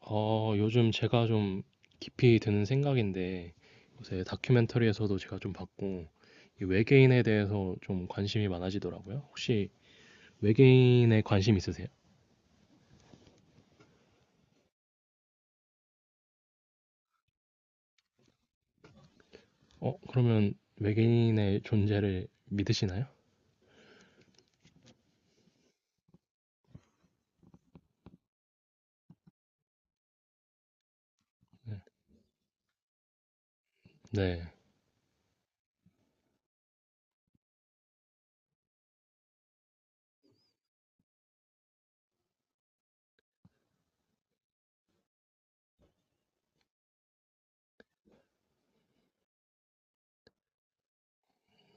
요즘 제가 좀 깊이 드는 생각인데, 요새 다큐멘터리에서도 제가 좀 봤고, 이 외계인에 대해서 좀 관심이 많아지더라고요. 혹시 외계인에 관심 있으세요? 그러면 외계인의 존재를 믿으시나요? 네. 네.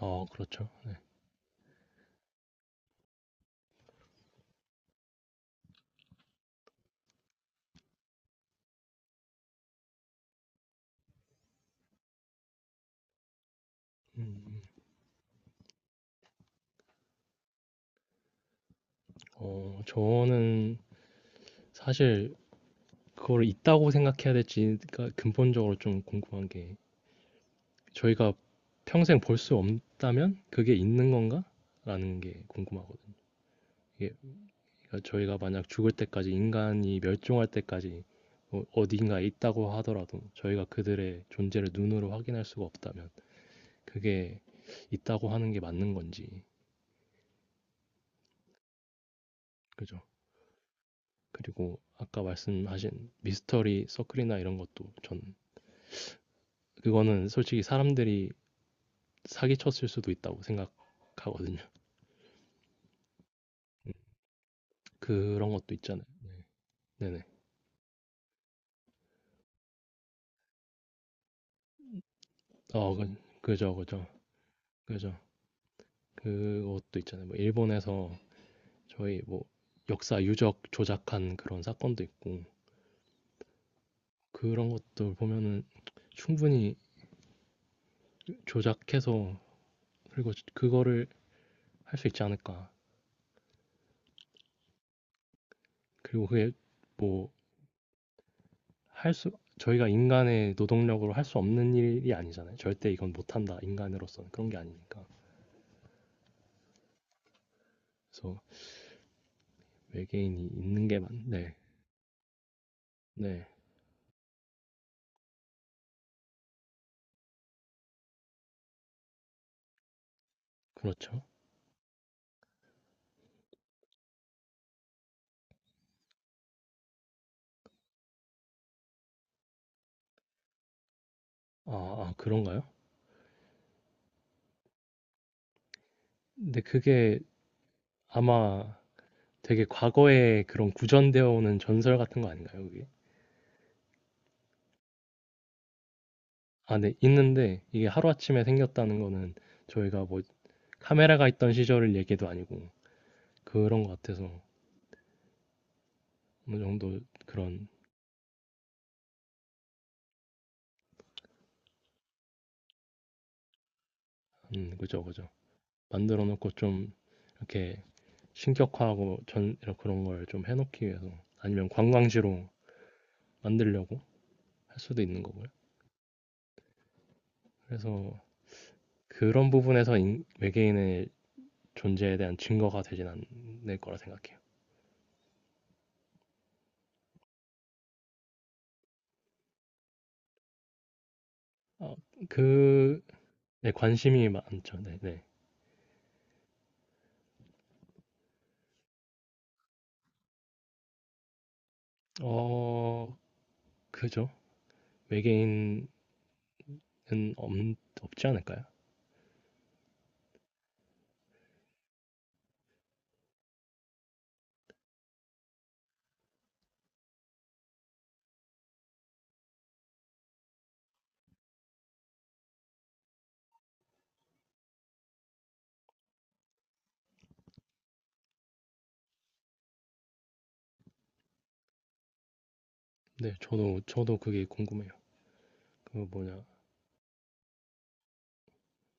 그렇죠. 네. 저는 사실 그걸 있다고 생각해야 될지가 근본적으로 좀 궁금한 게, 저희가 평생 볼 수 없다면 그게 있는 건가? 라는 게 궁금하거든요. 그러니까 저희가 만약 죽을 때까지 인간이 멸종할 때까지 뭐 어딘가에 있다고 하더라도 저희가 그들의 존재를 눈으로 확인할 수가 없다면 그게 있다고 하는 게 맞는 건지. 그죠? 그리고 아까 말씀하신 미스터리 서클이나 이런 것도 전 그거는 솔직히 사람들이 사기쳤을 수도 있다고 생각하거든요. 음, 그런 것도 있잖아요. 네네. 어, 그, 그죠, 그죠, 그죠. 그것도 있잖아요. 뭐 일본에서 저희 뭐 역사 유적 조작한 그런 사건도 있고 그런 것도 보면은 충분히 조작해서 그리고 그거를 할 수 있지 않을까. 그리고 그게 뭐 할 수 저희가 인간의 노동력으로 할 수 없는 일이 아니잖아요. 절대 이건 못한다. 인간으로서는 그런 게 아니니까. 그래서 외계인이 있는 게 맞네. 네, 네, 그렇죠. 아, 아, 그런가요? 근데 그게 아마 되게 과거에 그런 구전되어 오는 전설 같은 거 아닌가요, 그게? 아, 네, 있는데 이게 하루아침에 생겼다는 거는 저희가 뭐 카메라가 있던 시절을 얘기도 아니고 그런 것 같아서 어느 정도 그런. 그죠, 그죠. 만들어 놓고 좀 이렇게 신격화하고 전 이런 그런 걸 좀 해놓기 위해서 아니면 관광지로 만들려고 할 수도 있는 거고요. 그래서 그런 부분에서 외계인의 존재에 대한 증거가 되진 않을 거라 생각해요. 어, 그, 네, 관심이 많죠. 네, 네. 어, 그죠. 외계인은 없, 없지 않을까요? 네, 저도, 저도 그게 궁금해요. 그 뭐냐,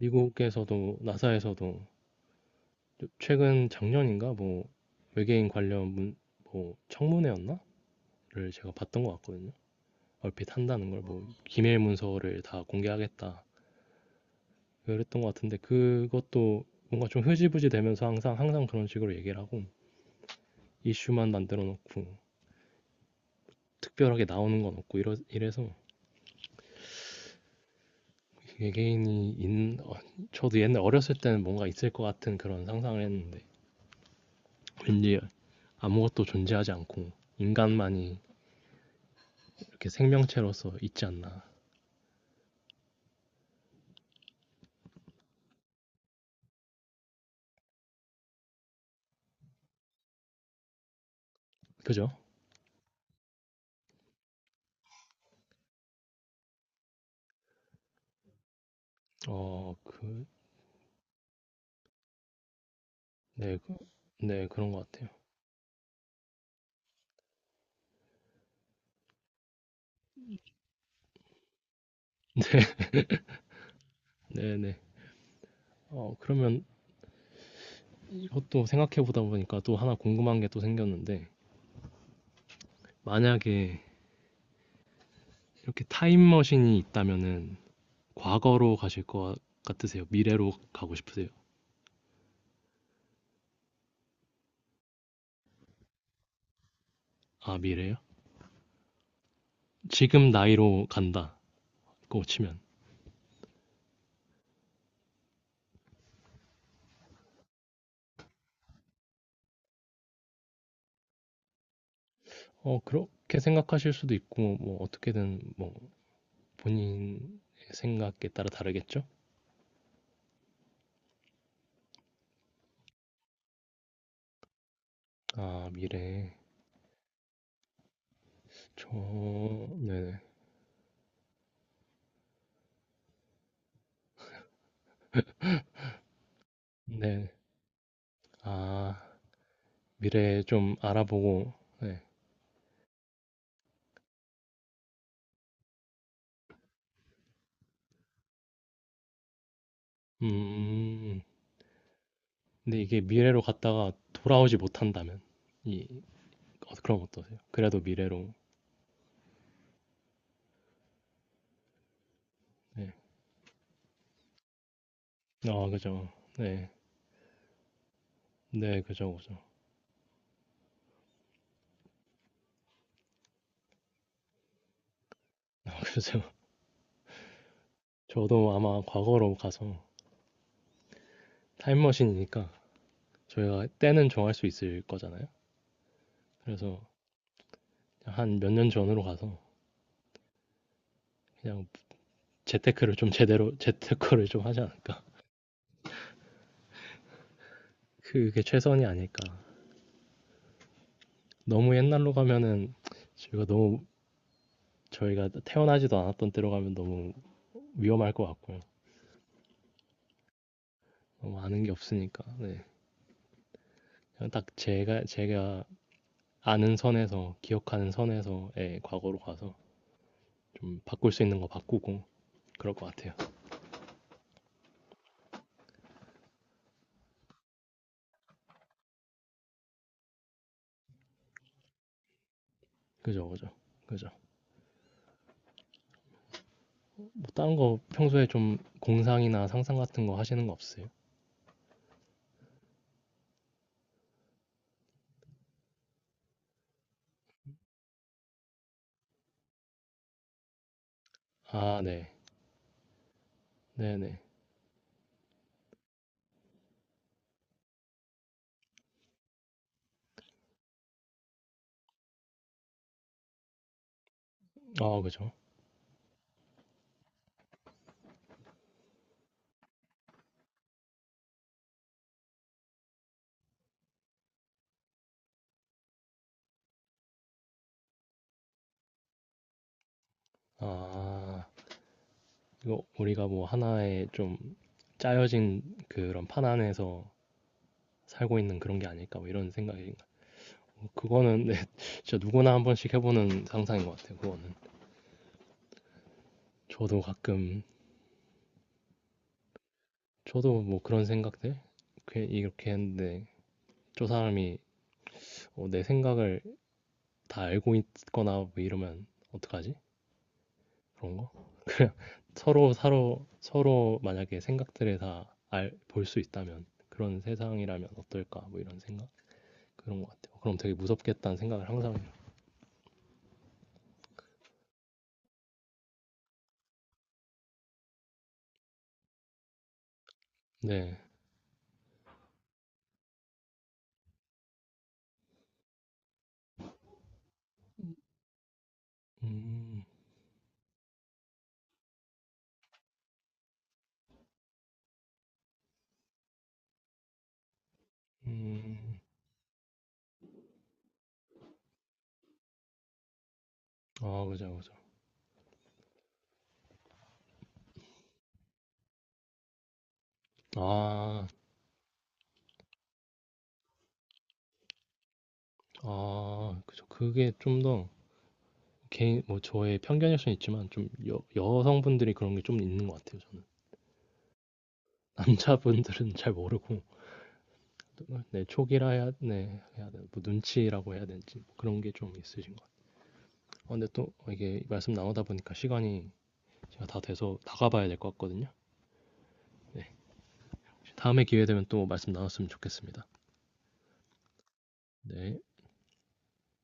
미국에서도, 나사에서도 최근 작년인가 뭐 외계인 관련 뭐 청문회였나?를 제가 봤던 것 같거든요. 얼핏 한다는 걸 뭐 기밀 문서를 다 공개하겠다 그랬던 것 같은데 그것도 뭔가 좀 흐지부지 되면서 항상 그런 식으로 얘기를 하고 이슈만 만들어 놓고 특별하게 나오는 건 없고 이래서 외계인이 있는, 어, 저도 옛날 어렸을 때는 뭔가 있을 것 같은 그런 상상을 했는데, 왠지 아무것도 존재하지 않고, 인간만이 이렇게 생명체로서 있지 않나. 그죠? 어, 그, 네, 네, 그런 것 같아요. 네네. 그러면 이것도 생각해 보다 보니까 또 하나 궁금한 게 또 생겼는데, 만약에 이렇게 타임머신이 있다면은, 과거로 가실 것 같으세요? 미래로 가고 싶으세요? 아, 미래요? 지금 나이로 간다. 그거 치면. 그렇게 생각하실 수도 있고, 뭐, 어떻게든, 뭐, 본인의 생각에 따라 다르겠죠? 아, 미래. 저, 네네. 네. 아, 미래 좀 알아보고, 네. 음, 음, 음. 근데 이게 미래로 갔다가 돌아오지 못한다면, 이, 그럼 어떠세요? 그래도 미래로, 네. 아, 그죠. 네. 네, 그죠, 그죠. 아, 그죠. 저도 아마 과거로 가서 타임머신이니까 저희가 때는 정할 수 있을 거잖아요. 그래서 한 몇 년 전으로 가서 그냥 재테크를 좀 하지 않을까. 그게 최선이 아닐까. 너무 옛날로 가면은 저희가 너무 저희가 태어나지도 않았던 때로 가면 너무 위험할 것 같고요. 너무 아는 게 없으니까. 네. 그냥 딱 제가 아는 선에서 기억하는 선에서의 과거로 가서 좀 바꿀 수 있는 거 바꾸고 그럴 것 같아요. 그죠, 그죠, 그죠. 뭐 다른 거 평소에 좀 공상이나 상상 같은 거 하시는 거 없으세요? 아, 네, 네, 네. 그죠. 아, 이거 우리가 뭐 하나의 좀 짜여진 그런 판 안에서 살고 있는 그런 게 아닐까, 뭐 이런 생각이. 그거는 네, 진짜 누구나 한 번씩 해보는 상상인 것 같아요, 그거는. 저도 가끔, 저도 뭐 그런 생각들? 이렇게 했는데, 저 사람이 내 생각을 다 알고 있거나 뭐 이러면 어떡하지? 그런 거? 서로 만약에 생각들을 볼 수 있다면, 그런 세상이라면 어떨까, 뭐 이런 생각. 그런 것 같아요. 그럼 되게 무섭겠다는 생각을 항상 해요. 네. 음, 음. 아, 그죠, 그죠. 아, 아, 그죠. 그게 좀 더 뭐 저의 편견일 수는 있지만 좀 여성분들이 그런 게 좀 있는 것 같아요, 저는. 남자분들은 잘 모르고, 네, 촉이라 해야, 네, 해야 되나, 뭐 눈치라고 해야 되는지 뭐 그런 게 좀 있으신 것 같아요. 근데 또 이게 말씀 나누다 보니까 시간이 제가 다 돼서 나가봐야 될 것 같거든요. 네. 다음에 기회 되면 또 말씀 나눴으면 좋겠습니다. 네.